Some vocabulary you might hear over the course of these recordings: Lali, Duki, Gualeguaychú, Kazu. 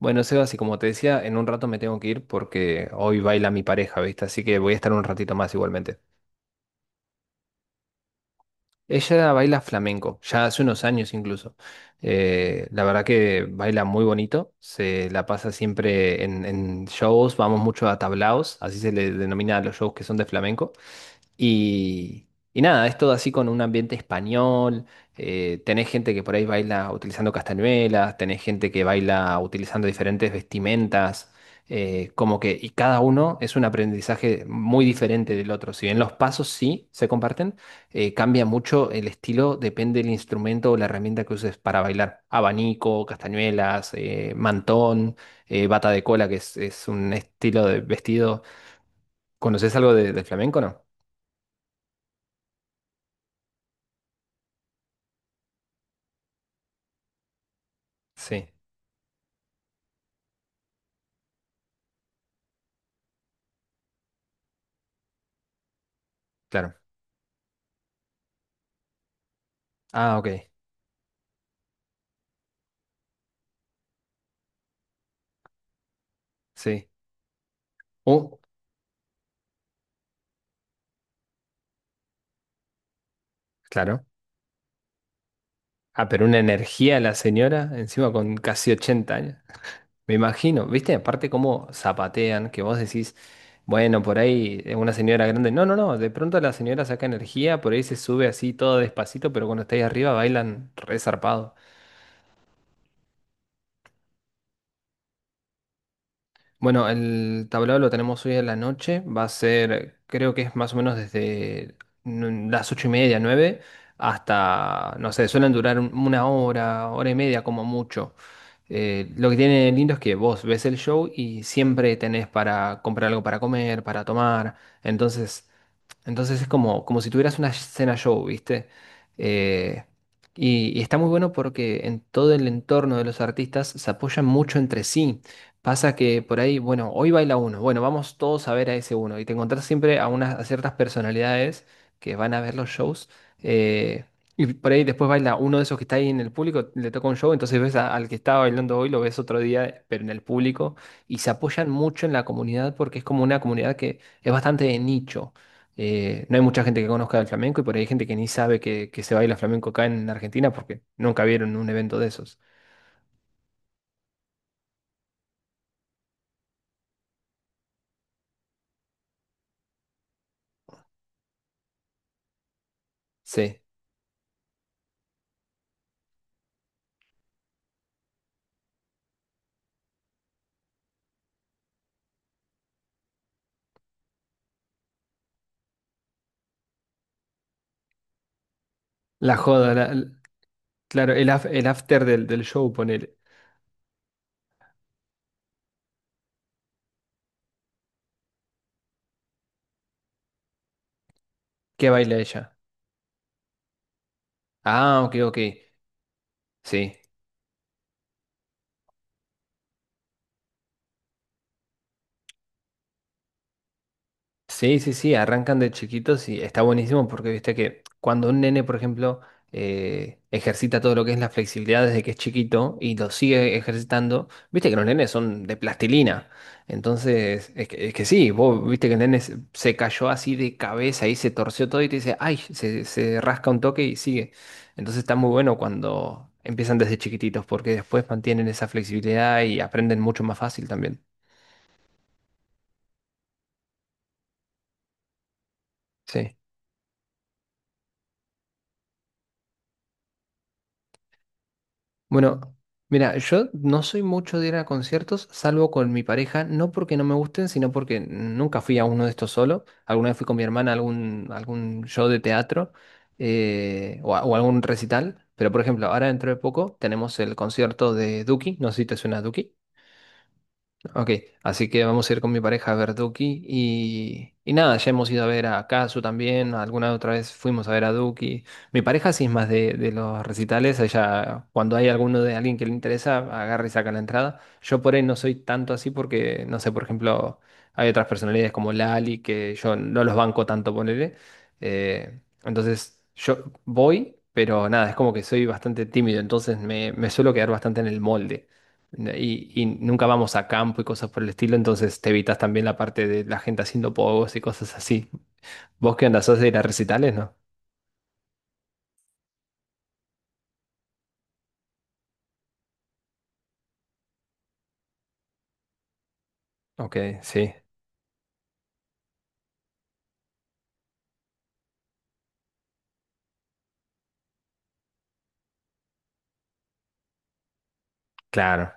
Bueno, Sebas, y como te decía, en un rato me tengo que ir porque hoy baila mi pareja, ¿viste? Así que voy a estar un ratito más igualmente. Ella baila flamenco, ya hace unos años incluso. La verdad que baila muy bonito, se la pasa siempre en shows, vamos mucho a tablaos, así se le denomina a los shows que son de flamenco. Y, y nada, es todo así con un ambiente español, tenés gente que por ahí baila utilizando castañuelas, tenés gente que baila utilizando diferentes vestimentas, y cada uno es un aprendizaje muy diferente del otro, si bien los pasos sí se comparten. Cambia mucho el estilo, depende del instrumento o la herramienta que uses para bailar. Abanico, castañuelas, mantón, bata de cola, que es un estilo de vestido. ¿Conoces algo del flamenco, no? Sí, claro. Ah, ok, sí. Uh, claro. Ah, pero una energía la señora, encima con casi 80 años. Me imagino, ¿viste? Aparte cómo zapatean, que vos decís, bueno, por ahí es una señora grande. No, no, no, de pronto la señora saca energía, por ahí se sube así todo despacito, pero cuando está ahí arriba bailan re zarpado. Bueno, el tablado lo tenemos hoy en la noche. Va a ser, creo que es más o menos desde las 8:30, 9:00, hasta, no sé, suelen durar una hora, hora y media como mucho. Lo que tiene lindo es que vos ves el show y siempre tenés para comprar algo para comer, para tomar. Entonces, entonces es como si tuvieras una cena show, ¿viste? Eh, y está muy bueno porque en todo el entorno de los artistas se apoyan mucho entre sí. Pasa que por ahí, bueno, hoy baila uno, bueno, vamos todos a ver a ese uno y te encontrás siempre a ciertas personalidades que van a ver los shows. eh, y por ahí después baila uno de esos que está ahí en el público, le toca un show, entonces ves al que estaba bailando hoy, lo ves otro día, pero en el público, y se apoyan mucho en la comunidad porque es como una comunidad que es bastante de nicho. No hay mucha gente que conozca el flamenco y por ahí hay gente que ni sabe que se baila flamenco acá en Argentina porque nunca vieron un evento de esos. Sí. La joda, claro, el after del show, ponele. ¿Qué baila ella? Ah, ok, ok. Sí. Sí, sí, sí, arrancan de chiquitos y está buenísimo porque viste que cuando un nene, por ejemplo, ejercita todo lo que es la flexibilidad desde que es chiquito y lo sigue ejercitando, viste que los nenes son de plastilina. Entonces, es que sí, vos viste que el nene se cayó así de cabeza y se torció todo y te dice, ay, se rasca un toque y sigue. Entonces está muy bueno cuando empiezan desde chiquititos porque después mantienen esa flexibilidad y aprenden mucho más fácil también. Sí. Bueno, mira, yo no soy mucho de ir a conciertos, salvo con mi pareja, no porque no me gusten, sino porque nunca fui a uno de estos solo. Alguna vez fui con mi hermana a algún, algún show de teatro, o, o algún recital. Pero, por ejemplo, ahora dentro de poco tenemos el concierto de Duki, no sé si te suena Duki. Ok, así que vamos a ir con mi pareja a ver Duki y nada, ya hemos ido a ver a Kazu también, alguna otra vez fuimos a ver a Duki. Mi pareja sí es más de los recitales, ella cuando hay alguno de alguien que le interesa, agarra y saca la entrada. Yo por ahí no soy tanto así porque, no sé, por ejemplo, hay otras personalidades como Lali que yo no los banco tanto, ponele. Entonces yo voy, pero nada, es como que soy bastante tímido, entonces me suelo quedar bastante en el molde. Y nunca vamos a campo y cosas por el estilo, entonces te evitas también la parte de la gente haciendo pogos y cosas así. ¿Vos qué andás? ¿Sos de ir a recitales, no? Ok, sí, claro.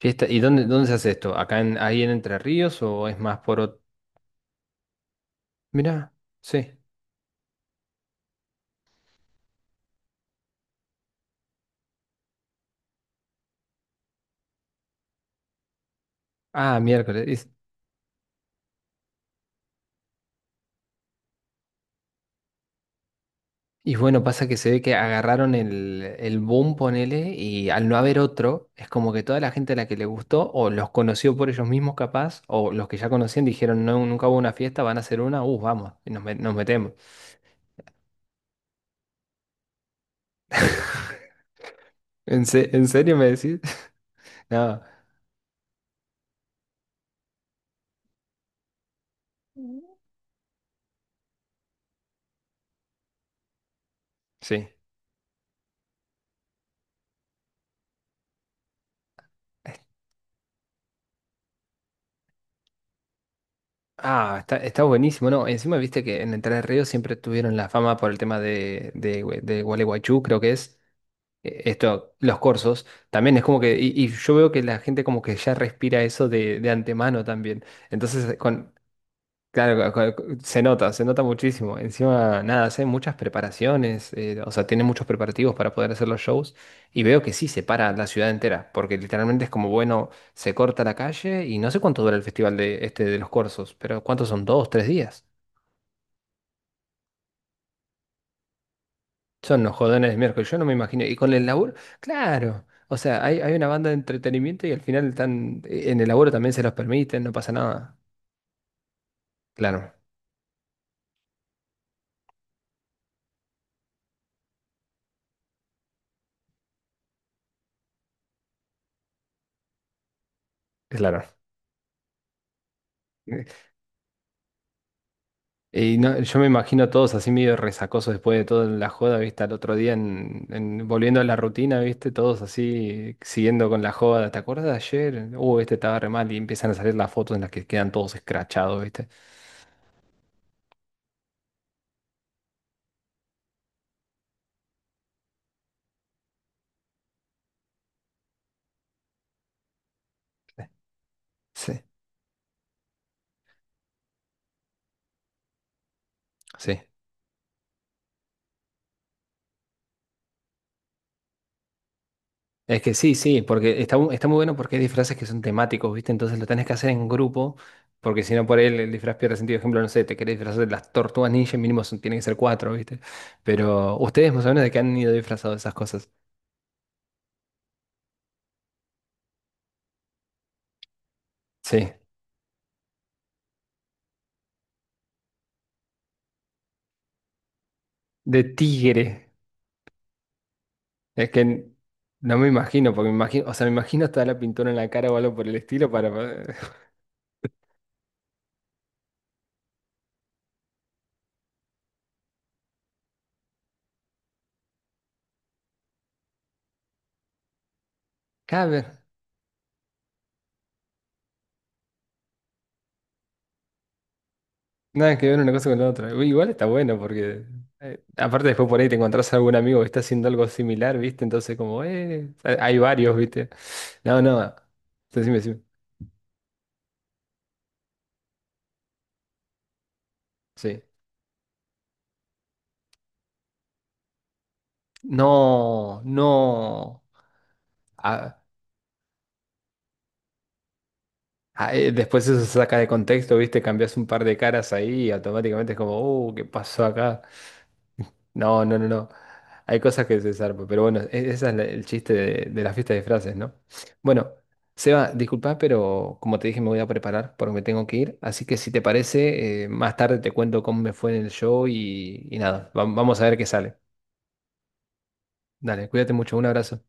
Fiesta, ¿y dónde, dónde se hace esto? ¿ Ahí en Entre Ríos o es más por otro? Mirá, sí. Ah, miércoles. Y bueno, pasa que se ve que agarraron el boom, ponele, y al no haber otro, es como que toda la gente a la que le gustó, o los conoció por ellos mismos capaz, o los que ya conocían dijeron, no, nunca hubo una fiesta, van a hacer una, vamos, y nos metemos. ¿ En serio me decís? No, sí. Ah, está buenísimo, ¿no? Encima viste que en Entre Ríos siempre tuvieron la fama por el tema de Gualeguaychú, creo que es. Los corsos, también es como que, y yo veo que la gente como que ya respira eso de antemano también. Entonces, claro, se nota muchísimo. Encima, nada, hacen muchas preparaciones, o sea, tienen muchos preparativos para poder hacer los shows, y veo que sí se para la ciudad entera, porque literalmente es como, bueno, se corta la calle, y no sé cuánto dura el festival de, este, de los corsos, pero ¿cuántos son? ¿2, 3 días? Son los jodones de miércoles, yo no me imagino. Y con el laburo, claro. O sea, hay una banda de entretenimiento y al final están, en el laburo también se los permiten, no pasa nada. Claro, claro. Y no, yo me imagino a todos así medio resacosos después de toda la joda, ¿viste? Al otro día volviendo a la rutina, ¿viste? Todos así siguiendo con la joda. ¿Te acuerdas de ayer? Este estaba re mal y empiezan a salir las fotos en las que quedan todos escrachados, ¿viste? Sí, sí. Es que sí, sí, porque está muy bueno porque hay disfraces que son temáticos, ¿viste? Entonces lo tenés que hacer en grupo, porque si no por él el disfraz pierde sentido. Por ejemplo, no sé, te querés disfrazar de las tortugas ninja, mínimo tienen que ser cuatro, ¿viste? Pero ustedes más o menos de qué han ido disfrazados de esas cosas. Sí, de tigre. Es que no me imagino, porque me imagino, o sea, me imagino hasta la pintura en la cara o algo por el estilo para... Cabe. Nada que ver una cosa con la otra. Uy, igual está bueno porque aparte después por ahí te encontrás a algún amigo que está haciendo algo similar, ¿viste? Entonces hay varios, ¿viste? No, no. Decime, decime. Sí. No, no. Ah, ah, después eso se saca de contexto, ¿viste? Cambias un par de caras ahí y automáticamente es como, ¿qué pasó acá? No, no, no, no. Hay cosas que se zarpan, pero bueno, ese es el chiste de la fiesta de disfraces, ¿no? Bueno, Seba, disculpa, pero como te dije, me voy a preparar porque me tengo que ir. Así que si te parece, más tarde te cuento cómo me fue en el show y nada, vamos a ver qué sale. Dale, cuídate mucho, un abrazo.